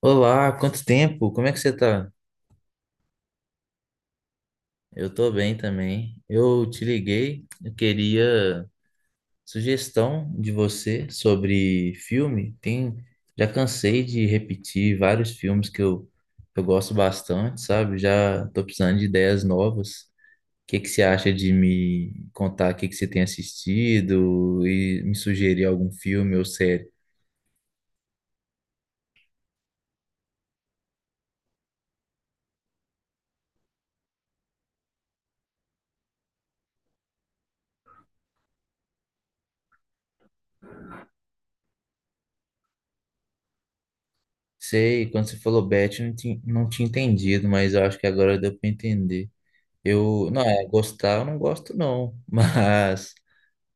Olá, quanto tempo? Como é que você tá? Eu tô bem também. Eu te liguei, eu queria sugestão de você sobre filme. Tem, já cansei de repetir vários filmes que eu gosto bastante, sabe? Já tô precisando de ideias novas. O que que você acha de me contar o que que você tem assistido e me sugerir algum filme ou série? Sei, quando você falou Beth, eu não tinha entendido, mas eu acho que agora deu pra entender. Eu, não, é, gostar eu não gosto não, mas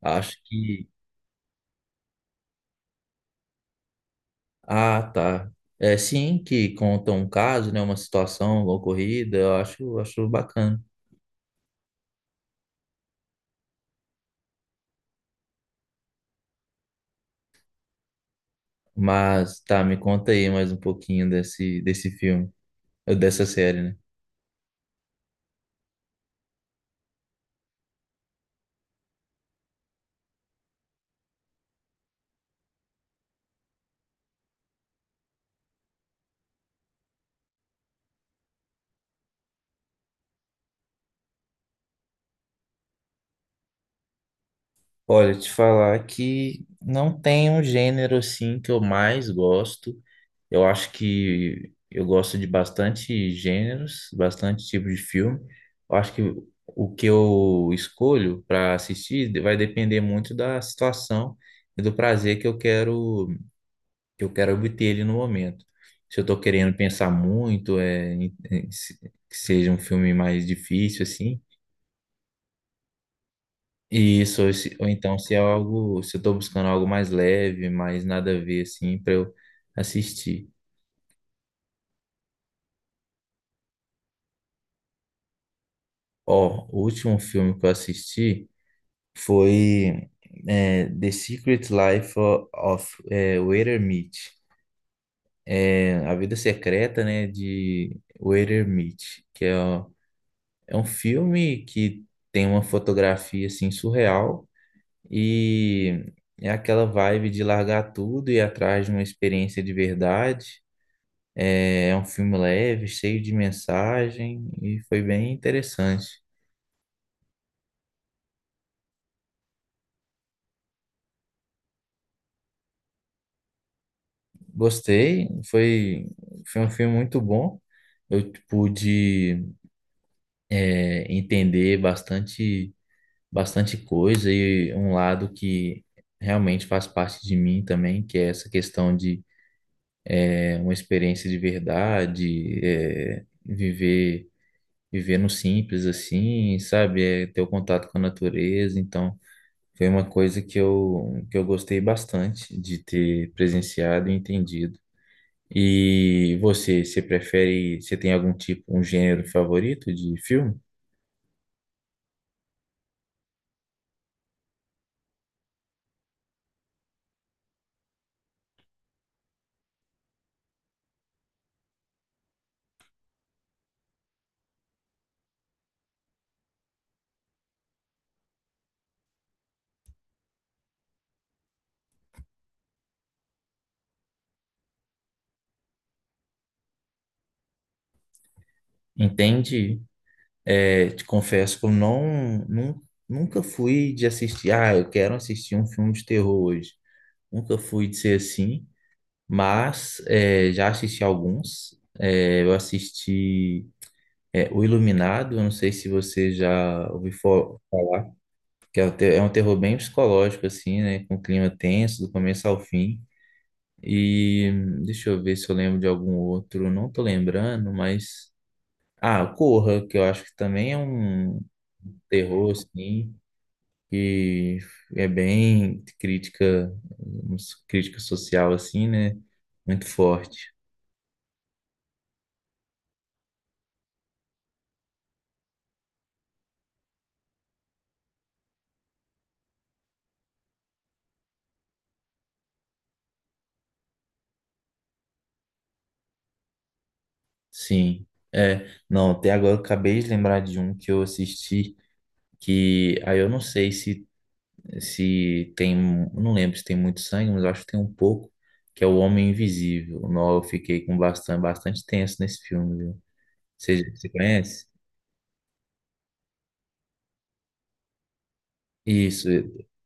acho que, ah, tá. É sim que conta um caso, né, uma situação ocorrida, acho bacana. Mas tá, me conta aí mais um pouquinho desse filme, ou dessa série, né? Olha, te falar que não tem um gênero assim que eu mais gosto. Eu acho que eu gosto de bastante gêneros, bastante tipo de filme. Eu acho que o que eu escolho para assistir vai depender muito da situação e do prazer que eu quero obter ali no momento. Se eu estou querendo pensar muito, é, que seja um filme mais difícil assim. E isso, ou ou então se é algo, se eu estou buscando algo mais leve, mais nada a ver assim para eu assistir. Ó, o último filme que eu assisti foi The Secret Life of Walter Mitty. É, A Vida Secreta, né, de Walter Mitty, que é, ó, é um filme que tem uma fotografia, assim, surreal e é aquela vibe de largar tudo e ir atrás de uma experiência de verdade. É, é um filme leve, cheio de mensagem e foi bem interessante. Gostei, foi, foi um filme muito bom. Eu pude entender bastante coisa e um lado que realmente faz parte de mim também, que é essa questão de uma experiência de verdade, é, viver no simples assim, sabe? É, ter o contato com a natureza, então foi uma coisa que que eu gostei bastante de ter presenciado e entendido. E você prefere, você tem algum tipo, um gênero favorito de filme? Entende? É, te confesso que eu nunca fui de assistir, ah, eu quero assistir um filme de terror hoje. Nunca fui de ser assim, mas é, já assisti alguns. É, eu assisti O Iluminado, eu não sei se você já ouviu falar, que é um é um terror bem psicológico, assim, né? Com clima tenso, do começo ao fim. E deixa eu ver se eu lembro de algum outro, não tô lembrando, mas. Ah, Corra, que eu acho que também é um terror, assim, que é bem crítica, um, crítica social, assim, né? Muito forte. Sim. É, não, até agora eu acabei de lembrar de um que eu assisti, que aí eu não sei se, se tem, eu não lembro se tem muito sangue, mas eu acho que tem um pouco, que é O Homem Invisível. Não, eu fiquei com bastante tenso nesse filme, viu? Você conhece? Isso.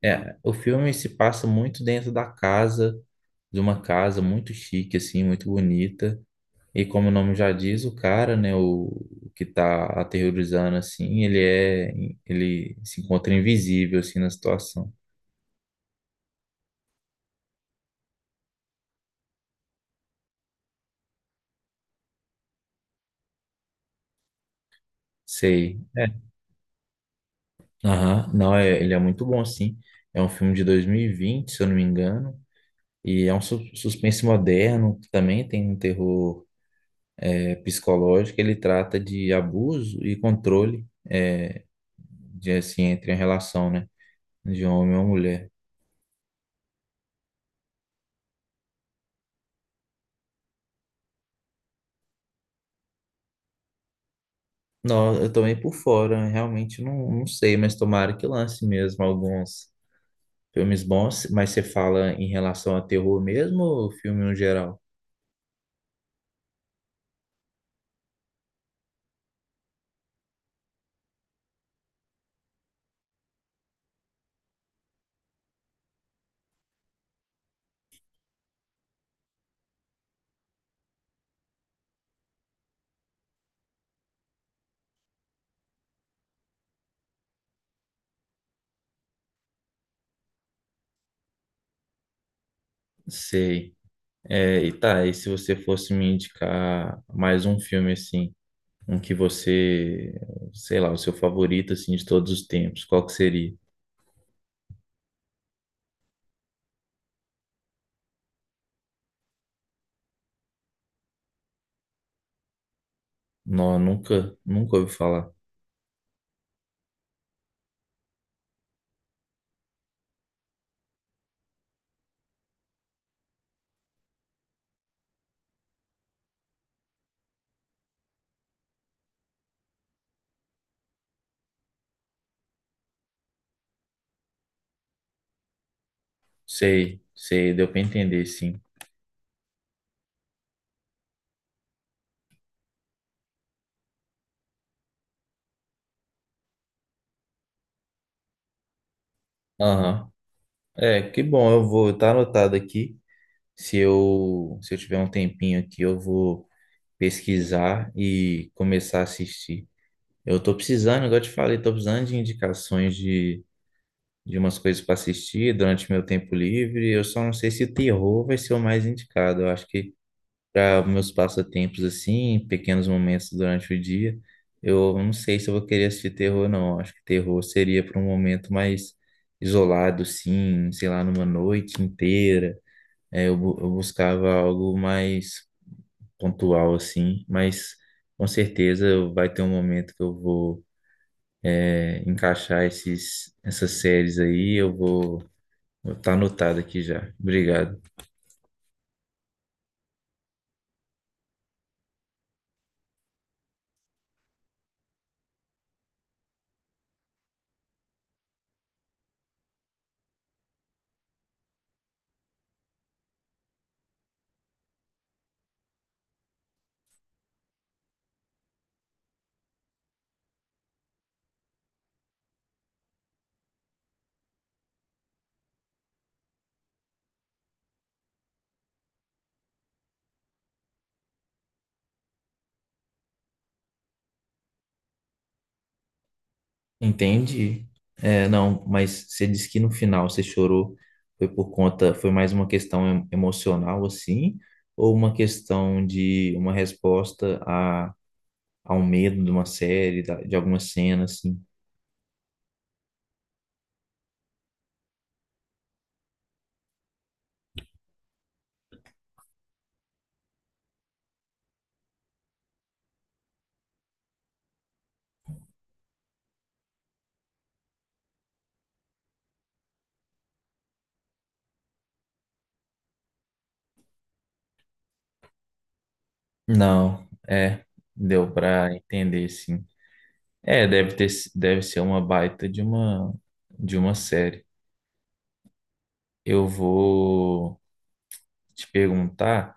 É, o filme se passa muito dentro da casa, de uma casa muito chique, assim, muito bonita. E como o nome já diz, o cara, né, o que tá aterrorizando, assim, ele se encontra invisível, assim, na situação. Sei. É. Aham. Não, é, ele é muito bom, sim. É um filme de 2020 se eu não me engano. E é um suspense moderno, que também tem um terror, é, psicológico. Ele trata de abuso e controle. É, de assim, entre a relação, né? De um homem ou mulher. Não, eu tô meio por fora, realmente não sei, mas tomara que lance mesmo alguns filmes bons. Mas você fala em relação a terror mesmo ou filme no geral? Sei. É, e tá, e se você fosse me indicar mais um filme assim, um que você, sei lá, o seu favorito assim de todos os tempos, qual que seria? Não, nunca ouvi falar. Sei, sei, deu pra entender, sim. Aham. É, que bom, eu vou estar anotado aqui. Se se eu tiver um tempinho aqui, eu vou pesquisar e começar a assistir. Eu tô precisando, igual eu te falei, tô precisando de indicações de umas coisas para assistir durante meu tempo livre. Eu só não sei se terror vai ser o mais indicado. Eu acho que para meus passatempos assim, pequenos momentos durante o dia, eu não sei se eu vou querer assistir terror, não. Eu acho que terror seria para um momento mais isolado, sim, sei lá, numa noite inteira é, eu buscava algo mais pontual, assim, mas com certeza vai ter um momento que eu vou é, encaixar essas séries aí, eu vou estar anotado aqui já. Obrigado. Entendi. É, não, mas você disse que no final você chorou, foi por conta, foi mais uma questão emocional, assim, ou uma questão de uma resposta a um medo de uma série, de alguma cena, assim? Não, é, deu pra entender sim. É, deve ter, si, deve ser uma baita de uma série. Eu vou te perguntar,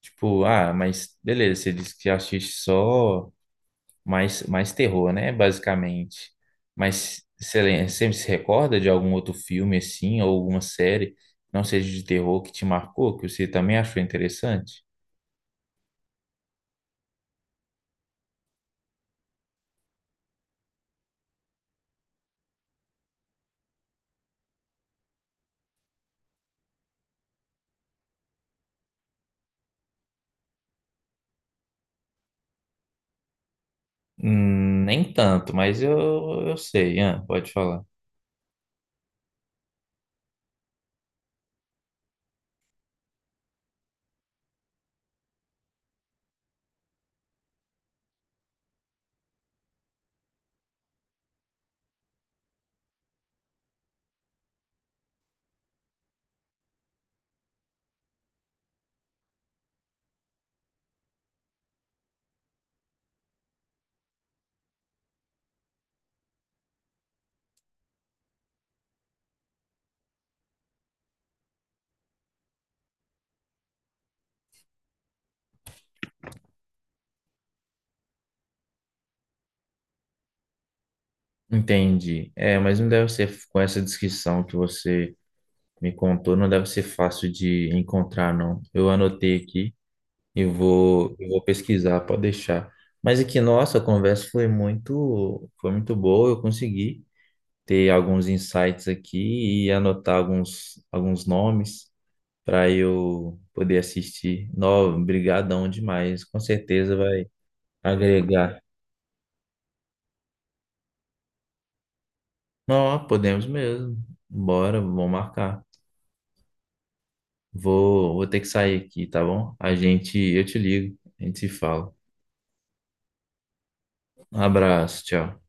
tipo, ah, mas beleza, você disse que assiste só mais terror, né, basicamente. Mas você, você se recorda de algum outro filme assim ou alguma série, que não seja de terror que te marcou, que você também achou interessante? Nem tanto, mas eu sei, Ian, pode falar. Entendi. É, mas não deve ser, com essa descrição que você me contou, não deve ser fácil de encontrar, não. Eu anotei aqui e eu vou pesquisar, pode deixar. Mas aqui, nossa, a conversa foi foi muito boa, eu consegui ter alguns insights aqui e anotar alguns nomes para eu poder assistir. Não, brigadão demais, com certeza vai agregar. Não, podemos mesmo. Bora, vamos marcar. Vou ter que sair aqui, tá bom? A gente, eu te ligo, a gente se fala. Um abraço, tchau.